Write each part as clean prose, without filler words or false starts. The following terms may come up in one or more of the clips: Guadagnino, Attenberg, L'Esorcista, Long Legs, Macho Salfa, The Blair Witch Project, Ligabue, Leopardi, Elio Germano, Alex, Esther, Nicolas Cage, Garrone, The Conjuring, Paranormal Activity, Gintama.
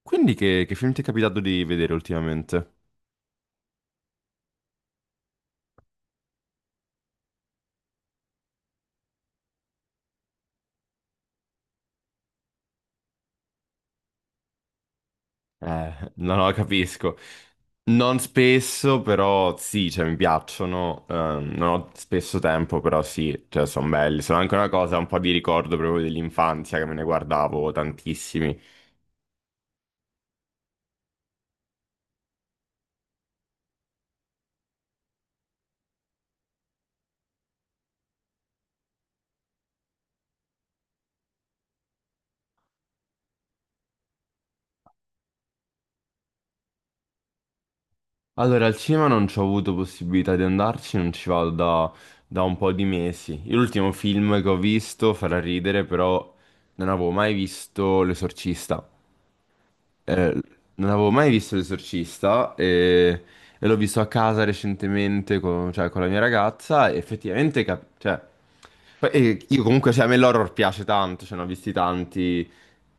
Quindi che film ti è capitato di vedere ultimamente? No, no, capisco. Non spesso, però sì, cioè mi piacciono. Non ho spesso tempo, però sì, cioè sono belli. Sono anche una cosa, un po' di ricordo proprio dell'infanzia che me ne guardavo tantissimi. Allora, al cinema non ci ho avuto possibilità di andarci, non ci vado da un po' di mesi. L'ultimo film che ho visto farà ridere, però non avevo mai visto L'Esorcista. eh, Non avevo mai visto L'Esorcista e l'ho visto a casa recentemente con, cioè, con la mia ragazza e effettivamente... cioè, poi, io comunque, cioè, a me l'horror piace tanto, cioè, ne ho visti tanti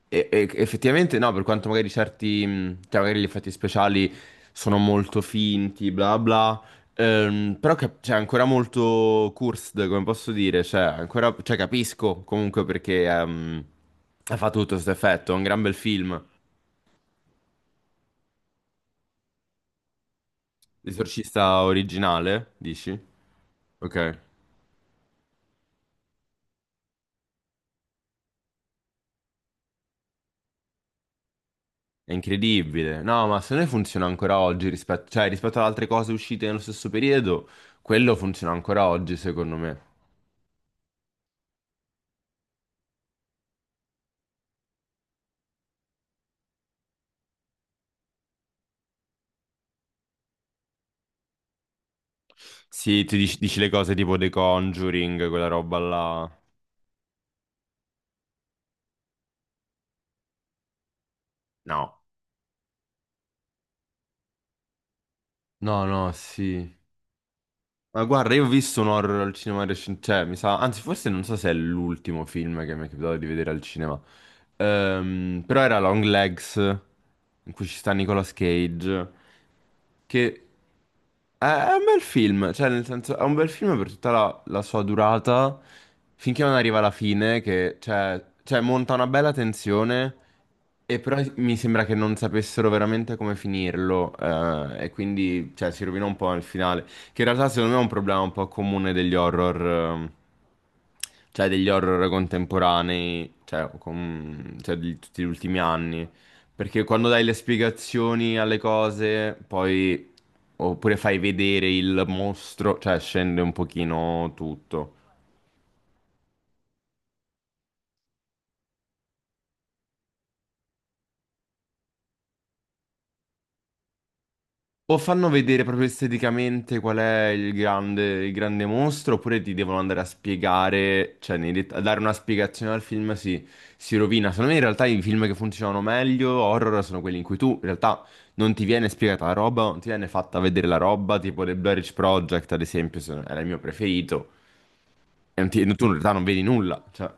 e effettivamente no, per quanto magari certi, cioè, magari gli effetti speciali sono molto finti, bla bla, però c'è ancora molto cursed, come posso dire, cioè, ancora, cioè, capisco comunque perché ha fatto tutto questo effetto, è un gran bel film. L'esorcista originale, dici? Ok. È incredibile. No, ma secondo me funziona ancora oggi rispetto, cioè, rispetto ad altre cose uscite nello stesso periodo, quello funziona ancora oggi, secondo me. Sì, ti dici, dici le cose tipo The Conjuring, quella roba là. No. No, no, sì. Ma guarda, io ho visto un horror al cinema recente, cioè, mi sa, anzi, forse non so se è l'ultimo film che mi è capitato di vedere al cinema. Però era Long Legs, in cui ci sta Nicolas Cage, che è un bel film, cioè, nel senso, è un bel film per tutta la sua durata, finché non arriva alla fine, che, cioè, monta una bella tensione, e però mi sembra che non sapessero veramente come finirlo, e quindi, cioè, si rovina un po' nel finale. Che in realtà secondo me è un problema un po' comune degli horror, cioè degli horror contemporanei, cioè, cioè di tutti gli ultimi anni. Perché quando dai le spiegazioni alle cose, poi oppure fai vedere il mostro, cioè scende un pochino tutto. O fanno vedere proprio esteticamente qual è il grande mostro, oppure ti devono andare a spiegare, cioè nei a dare una spiegazione al film si rovina. Secondo me in realtà i film che funzionano meglio, horror, sono quelli in cui tu in realtà non ti viene spiegata la roba, non ti viene fatta vedere la roba, tipo The Blair Witch Project ad esempio, era il mio preferito, e non ti- tu in realtà non vedi nulla, cioè,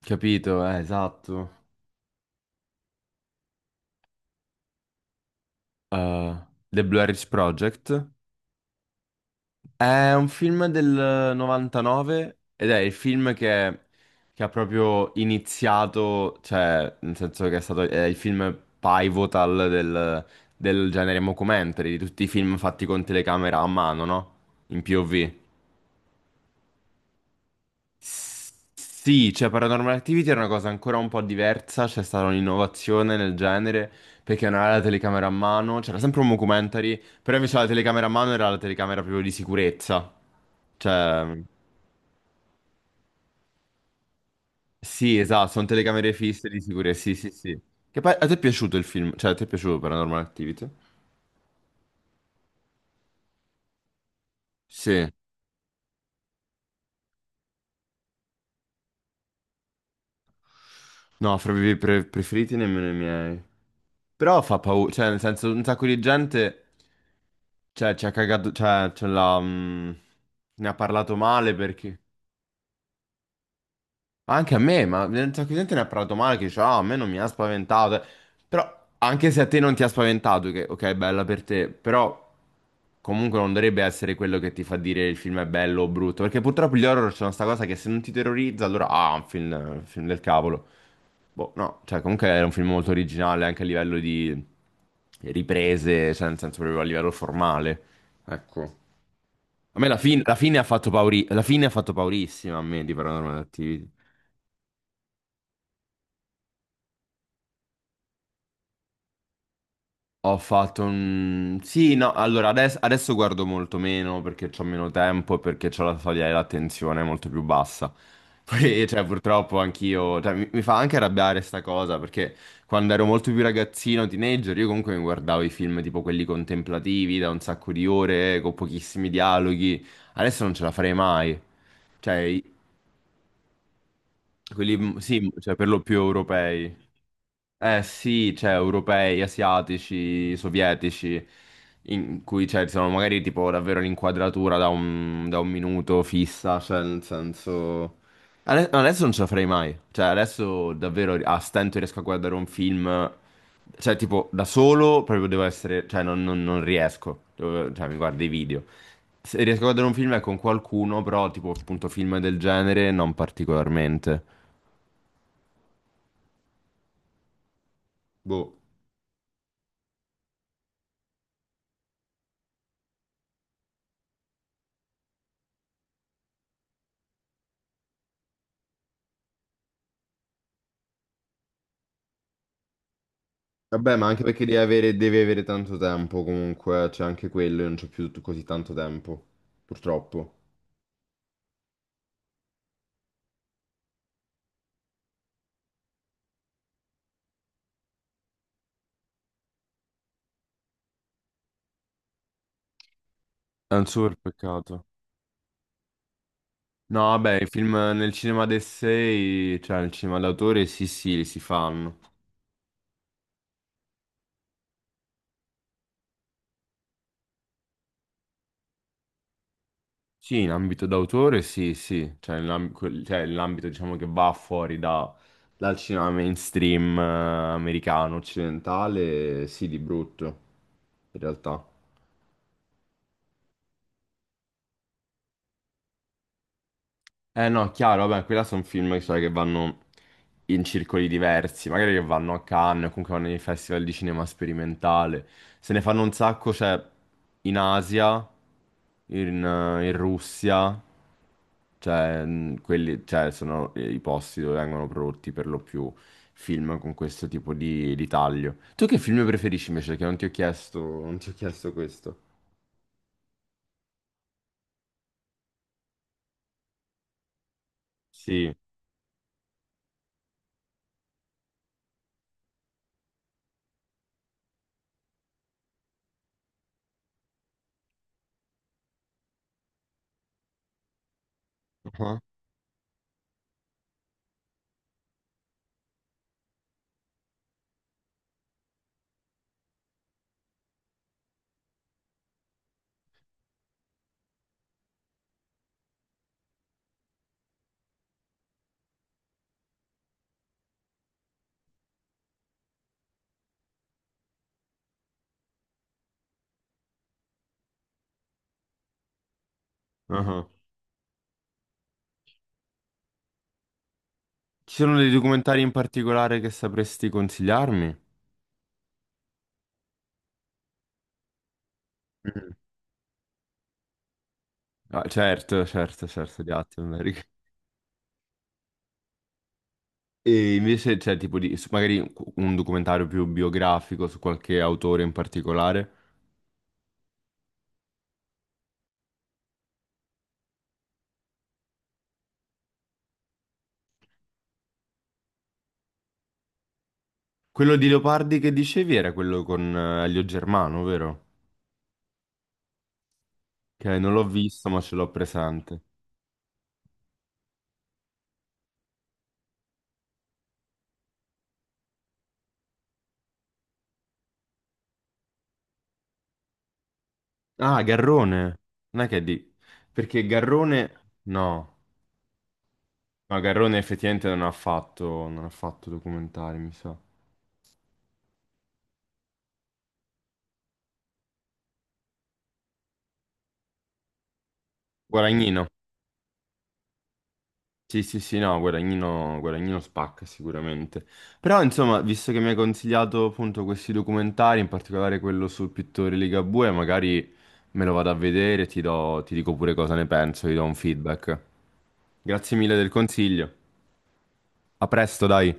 capito? Esatto. Eh, The Blair Witch Project. È un film del 99 ed è il film che ha proprio iniziato, cioè, nel senso che è stato è il film pivotal del, del genere mockumentary, di tutti i film fatti con telecamera a mano, no? In POV. Sì, cioè Paranormal Activity era una cosa ancora un po' diversa, c'è stata un'innovazione nel genere, perché non era la telecamera a mano, c'era sempre un mockumentary, però invece la telecamera a mano era la telecamera proprio di sicurezza. Cioè... Sì, esatto, sono telecamere fisse di sicurezza. Sì, sì, sì. Che poi a te è piaciuto il film? Cioè, a te è piaciuto Paranormal Activity? Sì. No, fra i miei preferiti nemmeno i miei. Però fa paura, cioè, nel senso, un sacco di gente, cioè, ci ha cagato, cioè, ce l'ha, ne ha parlato male perché... Anche a me, ma un sacco di gente ne ha parlato male, che dice, ah, a me non mi ha spaventato. Però, anche se a te non ti ha spaventato, che ok, bella per te, però comunque non dovrebbe essere quello che ti fa dire il film è bello o brutto, perché purtroppo gli horror c'è questa cosa che se non ti terrorizza, allora, ah, un film del cavolo. Boh, no, cioè comunque era un film molto originale anche a livello di riprese, cioè nel senso proprio a livello formale. Ecco. A me la, la fine ha fatto la fine ha fatto paurissima a me di Paranormal Attività. Ho fatto un... Sì, no, allora adesso guardo molto meno perché ho meno tempo e perché ho la soglia dell'attenzione molto più bassa. Poi, cioè, purtroppo anch'io... Cioè, mi fa anche arrabbiare sta cosa perché quando ero molto più ragazzino, teenager, io comunque mi guardavo i film tipo quelli contemplativi da un sacco di ore, con pochissimi dialoghi. Adesso non ce la farei mai. Cioè, quelli, sì, cioè, per lo più europei. Eh sì, cioè europei, asiatici, sovietici, in cui cioè, sono magari tipo davvero l'inquadratura da da un minuto fissa, cioè nel senso... Adesso non ce la farei mai, cioè adesso davvero a stento riesco a guardare un film, cioè tipo da solo proprio devo essere, cioè non riesco, cioè mi guardo i video. Se riesco a guardare un film è con qualcuno, però tipo appunto film del genere non particolarmente. Boh. Vabbè, ma anche perché devi avere tanto tempo comunque, c'è anche quello, io non c'ho più così tanto tempo, purtroppo. È un super peccato. No, vabbè, i film nel cinema d'essai, cioè nel cinema d'autore, sì, sì, li si fanno. Sì, in ambito d'autore, sì, sì. Cioè, cioè, nell'ambito, diciamo, che va fuori dal cinema mainstream americano, occidentale, sì, di brutto, in realtà. Eh no, chiaro, vabbè, quella sono film sai, che vanno in circoli diversi, magari che vanno a Cannes, o comunque vanno nei festival di cinema sperimentale. Se ne fanno un sacco, cioè, in Asia, in, in Russia, cioè, quelli, cioè, sono i posti dove vengono prodotti per lo più film con questo tipo di taglio. Tu che film preferisci invece? Che non ti ho chiesto, non ti ho chiesto questo. Sì. Ah, ah. Ci sono dei documentari in particolare che sapresti consigliarmi? Mhm. Ah, certo, certo, certo, di Attenberg. E invece c'è tipo di, magari un documentario più biografico su qualche autore in particolare. Quello di Leopardi che dicevi era quello con Elio Germano, vero? Che non l'ho visto ma ce l'ho presente. Ah, Garrone. Non è che è di... Perché Garrone... No. No, Garrone effettivamente non ha fatto, non ha fatto documentari, mi sa. Guadagnino. Sì, sì, sì, no, Guadagnino, Guadagnino spacca sicuramente. Però, insomma, visto che mi hai consigliato appunto questi documentari, in particolare quello sul pittore Ligabue, magari me lo vado a vedere e ti dico pure cosa ne penso, ti do un feedback. Grazie mille del consiglio. A presto, dai.